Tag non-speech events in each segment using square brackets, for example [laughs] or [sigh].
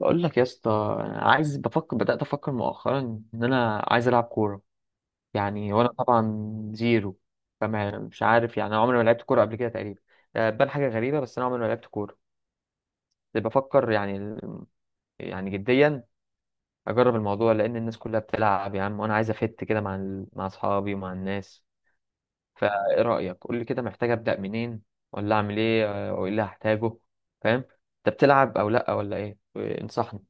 بقول لك يا اسطى، أنا عايز بفكر بدأت أفكر مؤخرا إن أنا عايز ألعب كورة يعني، وأنا طبعا زيرو. فما مش عارف يعني، أنا عمري ما لعبت كورة قبل كده تقريبا. آه، بان حاجة غريبة، بس أنا عمري ما لعبت كورة. بس بفكر يعني يعني جديا أجرب الموضوع، لأن الناس كلها بتلعب يا عم، وأنا عايز أفت كده مع أصحابي ومع الناس. فإيه رأيك؟ قول لي كده، محتاج أبدأ منين ولا أعمل إيه؟ وإيه اللي هحتاجه؟ فاهم؟ أنت بتلعب أو لأ ولا إيه؟ انصحني.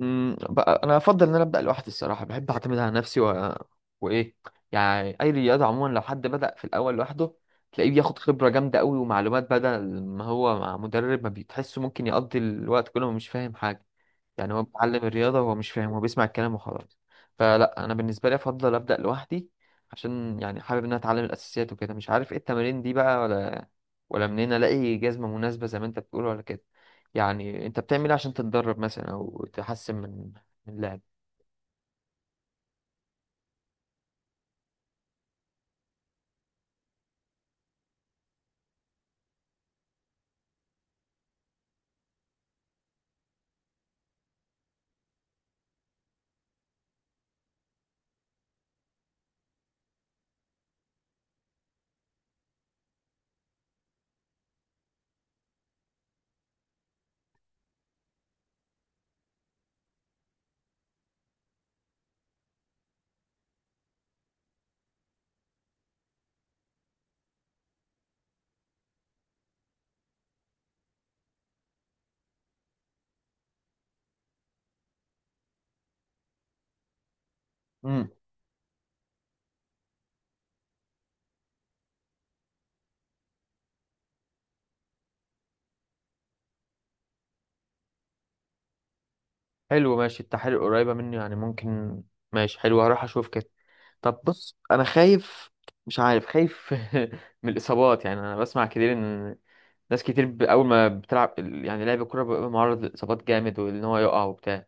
بقى انا افضل ان انا ابدا لوحدي الصراحه، بحب اعتمد على نفسي وايه يعني. اي رياضه عموما لو حد بدا في الاول لوحده، تلاقيه بياخد خبره جامده قوي ومعلومات، بدل ما هو مع مدرب ما بيتحسه ممكن يقضي الوقت كله ومش فاهم حاجه. يعني هو بيتعلم الرياضه وهو مش فاهم، هو بيسمع الكلام وخلاص. فلا، انا بالنسبه لي افضل ابدا لوحدي، عشان يعني حابب ان انا اتعلم الاساسيات وكده. مش عارف ايه التمارين دي بقى، ولا منين الاقي جزمه مناسبه زي ما انت بتقول ولا كده. يعني انت بتعمل ايه عشان تتدرب مثلا او تحسن من اللعب؟ امم. حلو ماشي، التحاليل قريبة مني يعني ممكن. ماشي حلو، هروح اشوف كده. طب بص، انا خايف، مش عارف، خايف [laughs] من الاصابات. يعني انا بسمع كتير ان ناس كتير اول ما بتلعب يعني، لعب الكرة بيبقى معرض للاصابات جامد، وان هو يقع وبتاع.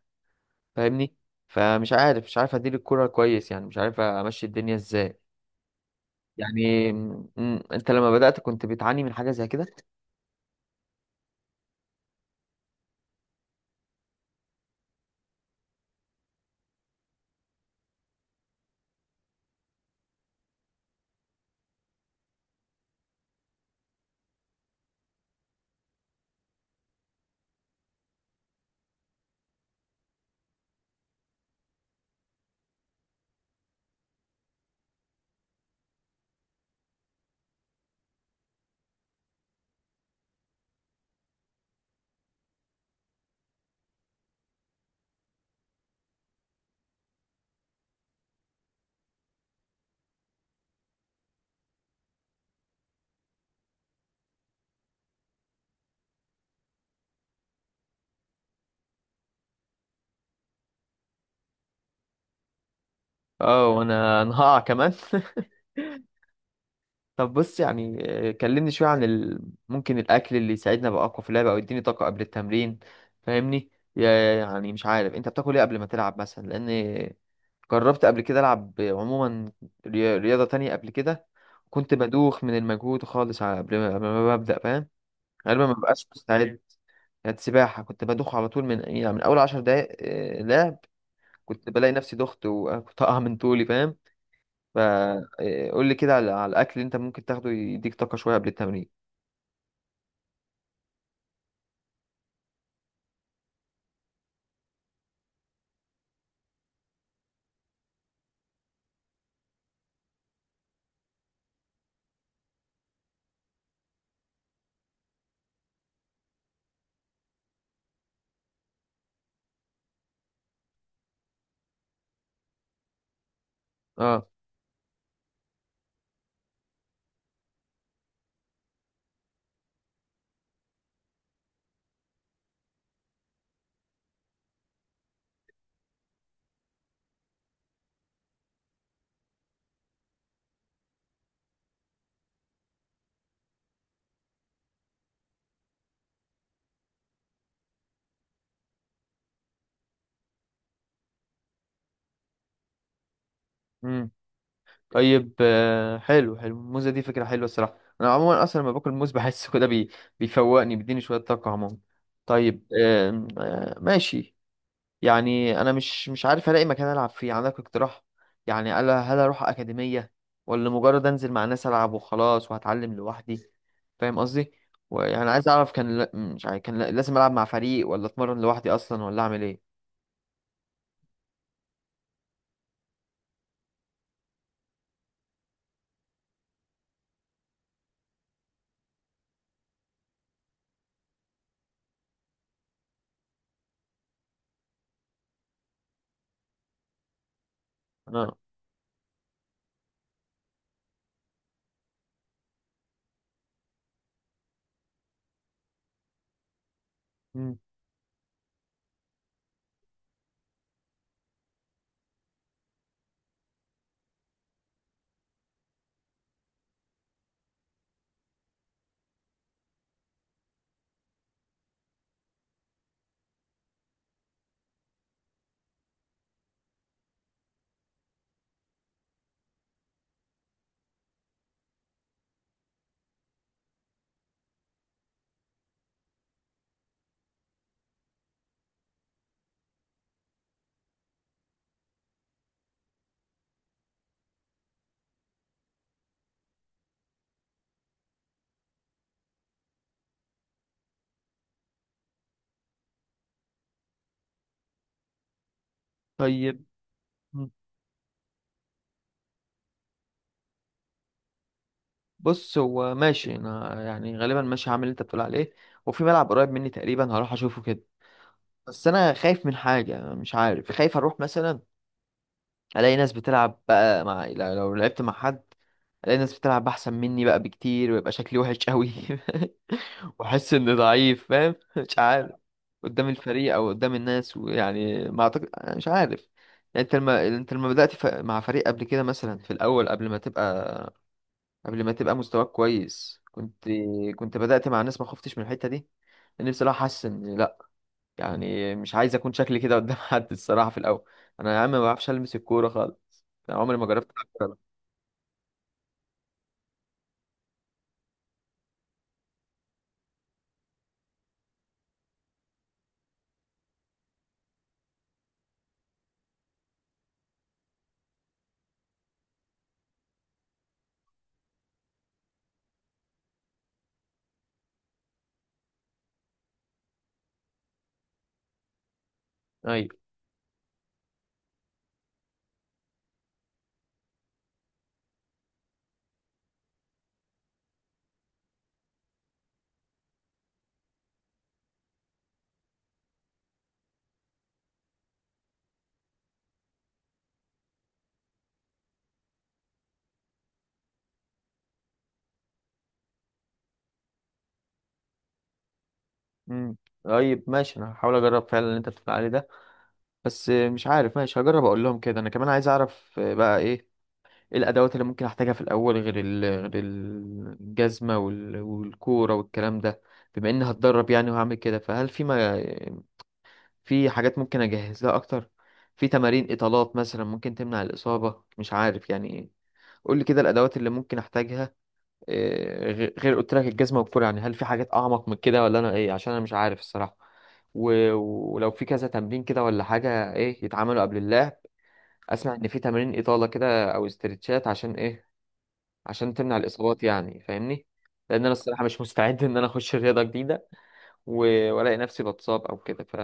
فاهمني؟ فمش عارف مش عارف ادير الكرة كويس، يعني مش عارف امشي الدنيا ازاي. يعني انت لما بدأت، كنت بتعاني من حاجة زي كده؟ اه، وانا [laughs] انا هقع كمان [laughs] طب بص يعني، كلمني شوية ممكن الأكل اللي يساعدنا أبقى أقوى في اللعبة أو يديني طاقة قبل التمرين. فاهمني؟ يعني مش عارف أنت بتاكل إيه قبل ما تلعب مثلا، لأن جربت قبل كده ألعب عموما رياضة تانية قبل كده. كنت بدوخ من المجهود خالص قبل ما ببدأ، فاهم؟ غالبا ما ببقاش مستعد. كانت سباحة، كنت بدوخ على طول من يعني من أول 10 دقايق لعب. كنت بلاقي نفسي دخت وطاقة من طولي، فاهم؟ فقول لي كده على الاكل اللي انت ممكن تاخده يديك طاقه شويه قبل التمرين. اه. امم. طيب حلو الموزه دي فكره حلوه الصراحه. انا عموما اصلا لما باكل موز بحس كده بيفوقني، بيديني شويه طاقه عموما. طيب آم، آه، ماشي. يعني انا مش عارف الاقي مكان العب فيه. عندك اقتراح؟ يعني هل اروح اكاديميه، ولا مجرد انزل مع ناس العب وخلاص وهتعلم لوحدي؟ فاهم قصدي؟ ويعني عايز اعرف كان لا- مش عارف كان لا- لازم العب مع فريق ولا اتمرن لوحدي اصلا ولا اعمل ايه؟ اه. مم. طيب. مم. بص هو ماشي، انا يعني غالبا ماشي هعمل اللي انت بتقول عليه. وفي ملعب قريب مني تقريبا، هروح اشوفه كده. بس انا خايف من حاجه، أنا مش عارف. خايف اروح مثلا الاقي ناس بتلعب بقى، مع لو لو لعبت مع حد، الاقي ناس بتلعب احسن مني بقى بكتير، ويبقى شكلي وحش قوي [laughs] واحس اني ضعيف. فاهم؟ [laughs] مش عارف. قدام الفريق او قدام الناس. ويعني ما اعتقد، أنا مش عارف. يعني انت لما بدأت مع فريق قبل كده مثلا في الاول، قبل ما تبقى مستواك كويس، كنت بدأت مع ناس، ما خفتش من الحتة دي؟ لأني بصراحة حاسس إن لأ، يعني مش عايز أكون شكلي كده قدام [laughs] حد الصراحة في الأول. أنا يا عم ما بعرفش ألمس الكورة خالص، أنا عمري ما جربت ألعب كورة. لا. أيوة. أمم. طيب ماشي، أنا هحاول أجرب فعلا اللي أنت بتقول عليه ده. بس مش عارف، ماشي هجرب أقول لهم كده. أنا كمان عايز أعرف بقى إيه الأدوات اللي ممكن أحتاجها في الأول، غير الجزمة والكورة والكلام ده. بما إني هتدرب يعني وهعمل كده، فهل في ما في حاجات ممكن اجهز لها اكتر؟ في تمارين اطالات مثلا ممكن تمنع الاصابه، مش عارف يعني. قول لي كده الادوات اللي ممكن احتاجها، غير قلت لك الجزمه والكوره. يعني هل في حاجات اعمق من كده ولا انا ايه؟ عشان انا مش عارف الصراحه. و- ولو في كذا تمرين كده ولا حاجه ايه يتعملوا قبل اللعب. اسمع ان في تمارين اطاله كده او استرتشات، عشان ايه؟ عشان تمنع الاصابات يعني، فاهمني؟ لان انا الصراحه مش مستعد ان انا اخش رياضه جديده والاقي نفسي بتصاب او كده،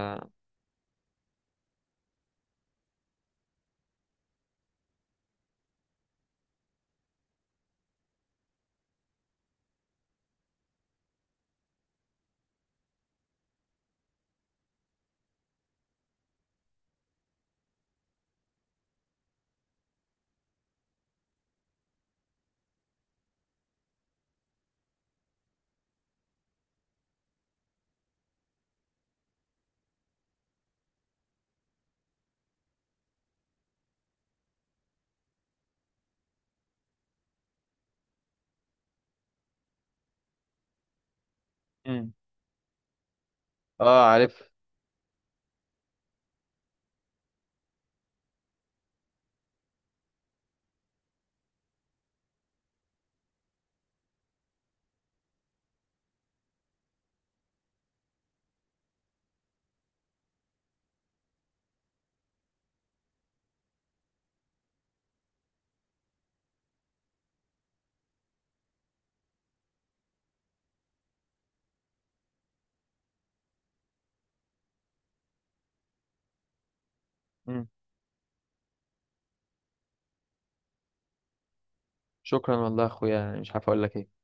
مم. اه عارف. شكرا والله يا اخويا، يعني مش عارف اقول لك ايه.